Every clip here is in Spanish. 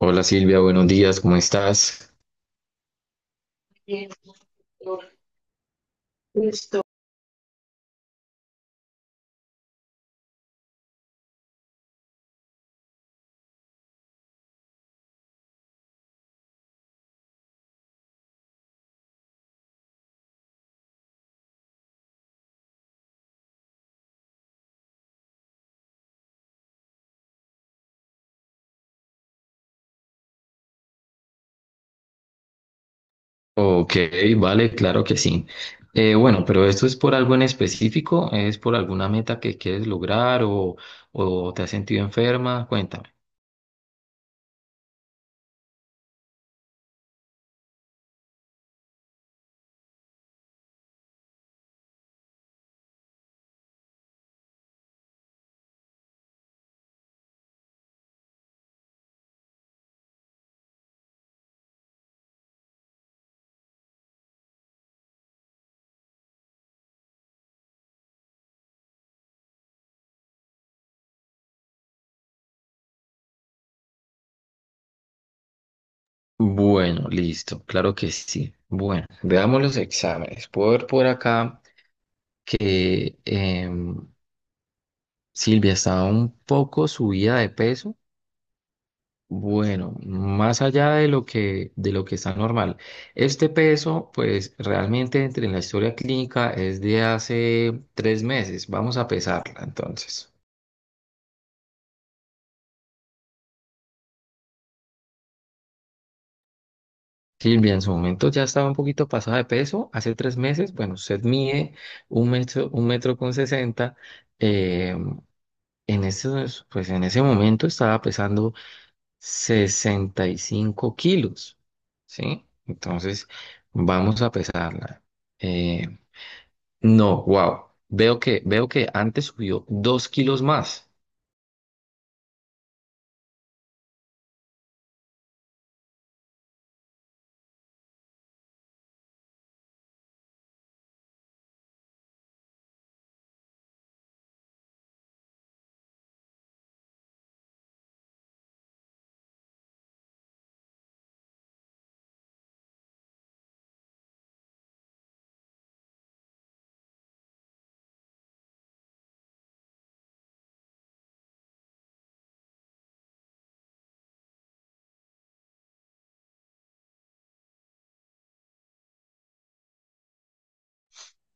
Hola Silvia, buenos días, ¿cómo estás? Ok, vale, claro que sí. Bueno, pero esto es por algo en específico, es por alguna meta que quieres lograr o te has sentido enferma, cuéntame. Bueno, listo, claro que sí. Bueno, veamos los exámenes. Puedo ver por acá que Silvia estaba un poco subida de peso. Bueno, más allá de lo que está normal, este peso, pues realmente entre en la historia clínica es de hace 3 meses. Vamos a pesarla entonces. Silvia, en su momento ya estaba un poquito pasada de peso. Hace 3 meses, bueno, usted mide un metro con 60. Eh, en ese, pues en ese momento estaba pesando 65 kilos, ¿sí? Entonces, vamos a pesarla. eh, No, wow. Veo que antes subió 2 kilos más.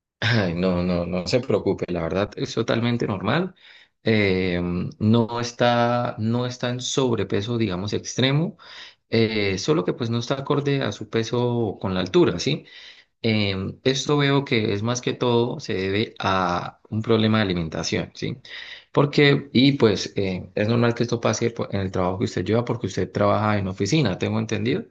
Ay, no, no, no se preocupe. La verdad es totalmente normal. Eh, no está en sobrepeso, digamos, extremo. Solo que pues no está acorde a su peso con la altura, ¿sí? Esto veo que es más que todo se debe a un problema de alimentación, ¿sí? Y pues es normal que esto pase pues, en el trabajo que usted lleva porque usted trabaja en oficina, tengo entendido.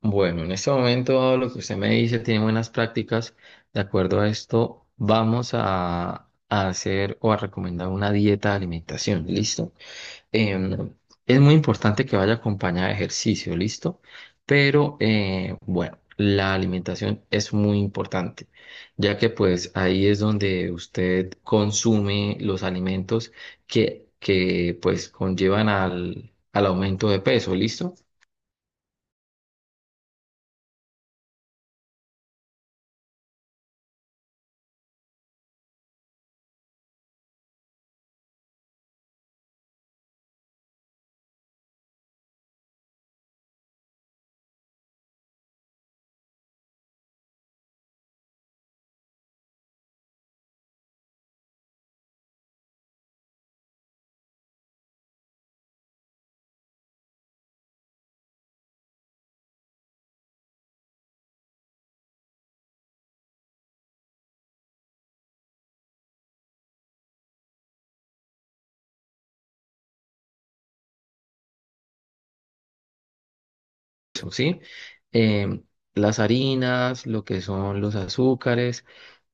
Bueno, en este momento lo que usted me dice tiene buenas prácticas. De acuerdo a esto, vamos a hacer o a recomendar una dieta de alimentación, ¿listo? Em, es muy importante que vaya acompañada de ejercicio, ¿listo? Pero bueno, la alimentación es muy importante, ya que pues ahí es donde usted consume los alimentos que pues conllevan al aumento de peso, ¿listo? Eso, ¿sí? Eh, las harinas, lo que son los azúcares,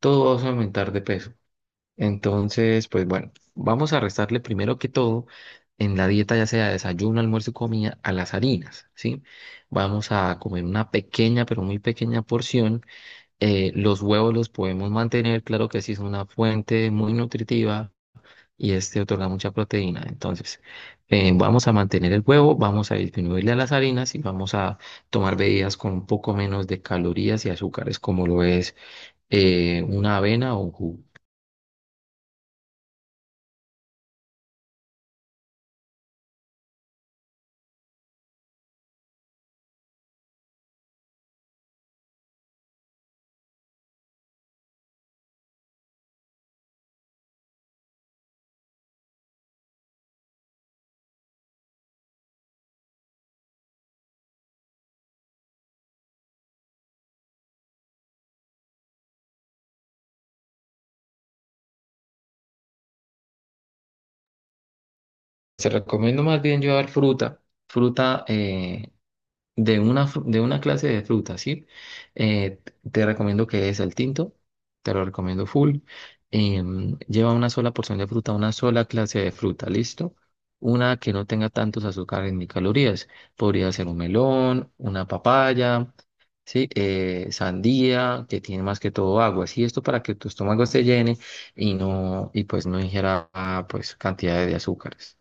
todo va a aumentar de peso. Entonces, pues bueno, vamos a restarle primero que todo en la dieta, ya sea desayuno, almuerzo y comida, a las harinas, ¿sí? Vamos a comer una pequeña, pero muy pequeña porción. Los huevos los podemos mantener, claro que sí, es una fuente muy nutritiva y este otorga mucha proteína. Entonces, vamos a mantener el huevo, vamos a disminuirle a las harinas y vamos a tomar bebidas con un poco menos de calorías y azúcares, como lo es una avena o un jugo. Se recomiendo más bien llevar fruta de una clase de fruta, ¿sí? Eh, te recomiendo que es el tinto, te lo recomiendo full. Lleva una sola porción de fruta, una sola clase de fruta, ¿listo? Una que no tenga tantos azúcares ni calorías. Podría ser un melón, una papaya, ¿sí? Sandía, que tiene más que todo agua, ¿sí? Esto para que tu estómago se llene y no, y pues no ingiera, ah, pues, cantidad de azúcares.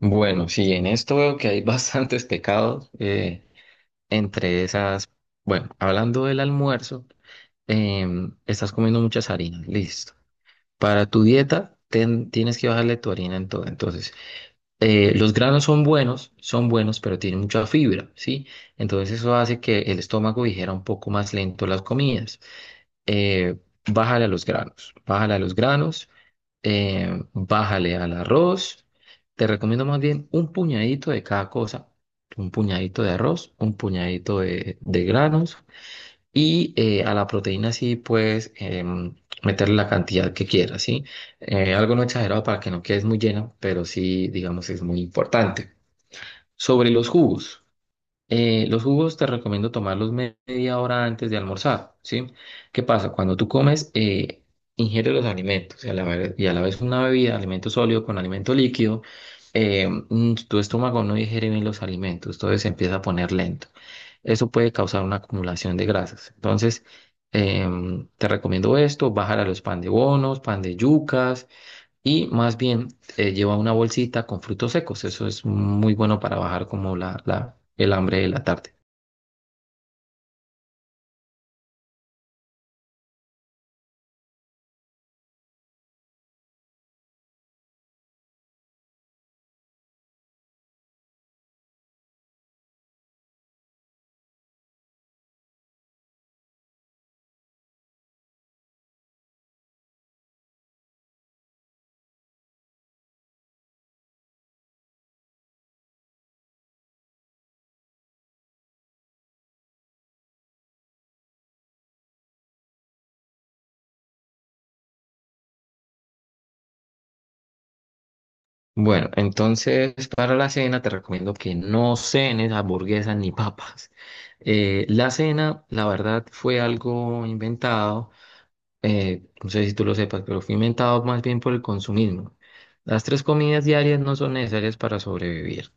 Bueno, sí, en esto veo que hay bastantes pecados. Entre esas, bueno, hablando del almuerzo, estás comiendo muchas harinas, listo. Para tu dieta tienes que bajarle tu harina en todo. Entonces, los granos son buenos, pero tienen mucha fibra, ¿sí? Entonces eso hace que el estómago dijera un poco más lento las comidas. Eh, bájale a los granos, bájale a los granos, bájale al arroz. Te recomiendo más bien un puñadito de cada cosa un puñadito de arroz, un puñadito de granos, y a la proteína sí puedes meterle la cantidad que quieras, ¿sí? Algo no exagerado para que no quedes muy llena, pero sí, digamos, es muy importante. Sobre los jugos. Los jugos te recomiendo tomarlos media hora antes de almorzar, ¿sí? ¿Qué pasa? Cuando tú comes, ingieres los alimentos y a la vez una bebida, alimento sólido con alimento líquido, tu estómago no digiere bien los alimentos, entonces se empieza a poner lento. Eso puede causar una acumulación de grasas. Entonces, te recomiendo esto, bajar a los pan de bonos, pan de yucas y más bien lleva una bolsita con frutos secos. Eso es muy bueno para bajar como el hambre de la tarde. Bueno, entonces para la cena te recomiendo que no cenes hamburguesas ni papas. La cena, la verdad, fue algo inventado no sé si tú lo sepas, pero fue inventado más bien por el consumismo. Las tres comidas diarias no son necesarias para sobrevivir.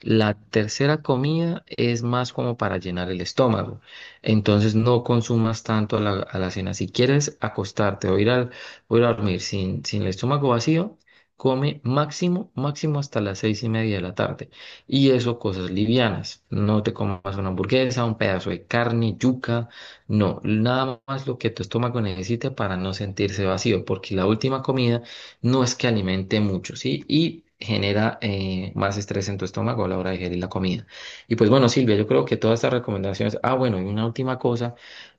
La tercera comida es más como para llenar el estómago. Entonces no consumas tanto a la cena. Si quieres acostarte o ir a dormir sin el estómago vacío, come máximo, máximo hasta las 6:30 de la tarde. Y eso cosas livianas. No te comas una hamburguesa, un pedazo de carne, yuca. No, nada más lo que tu estómago necesite para no sentirse vacío. Porque la última comida no es que alimente mucho, ¿sí? Y genera más estrés en tu estómago a la hora de digerir la comida. Y pues bueno, Silvia, yo creo que todas estas recomendaciones, ah, bueno, y una última cosa,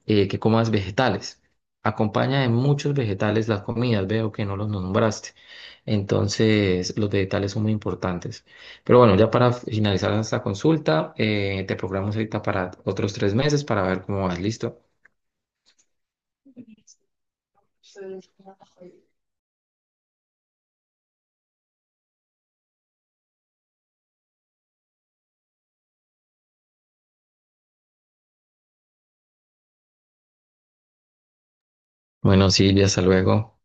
que comas vegetales. Acompaña de muchos vegetales las comidas, veo que no los nombraste. Entonces, los vegetales son muy importantes. Pero bueno, ya para finalizar esta consulta, te programamos ahorita para otros 3 meses para ver cómo vas, ¿listo? Bueno, Silvia, hasta luego.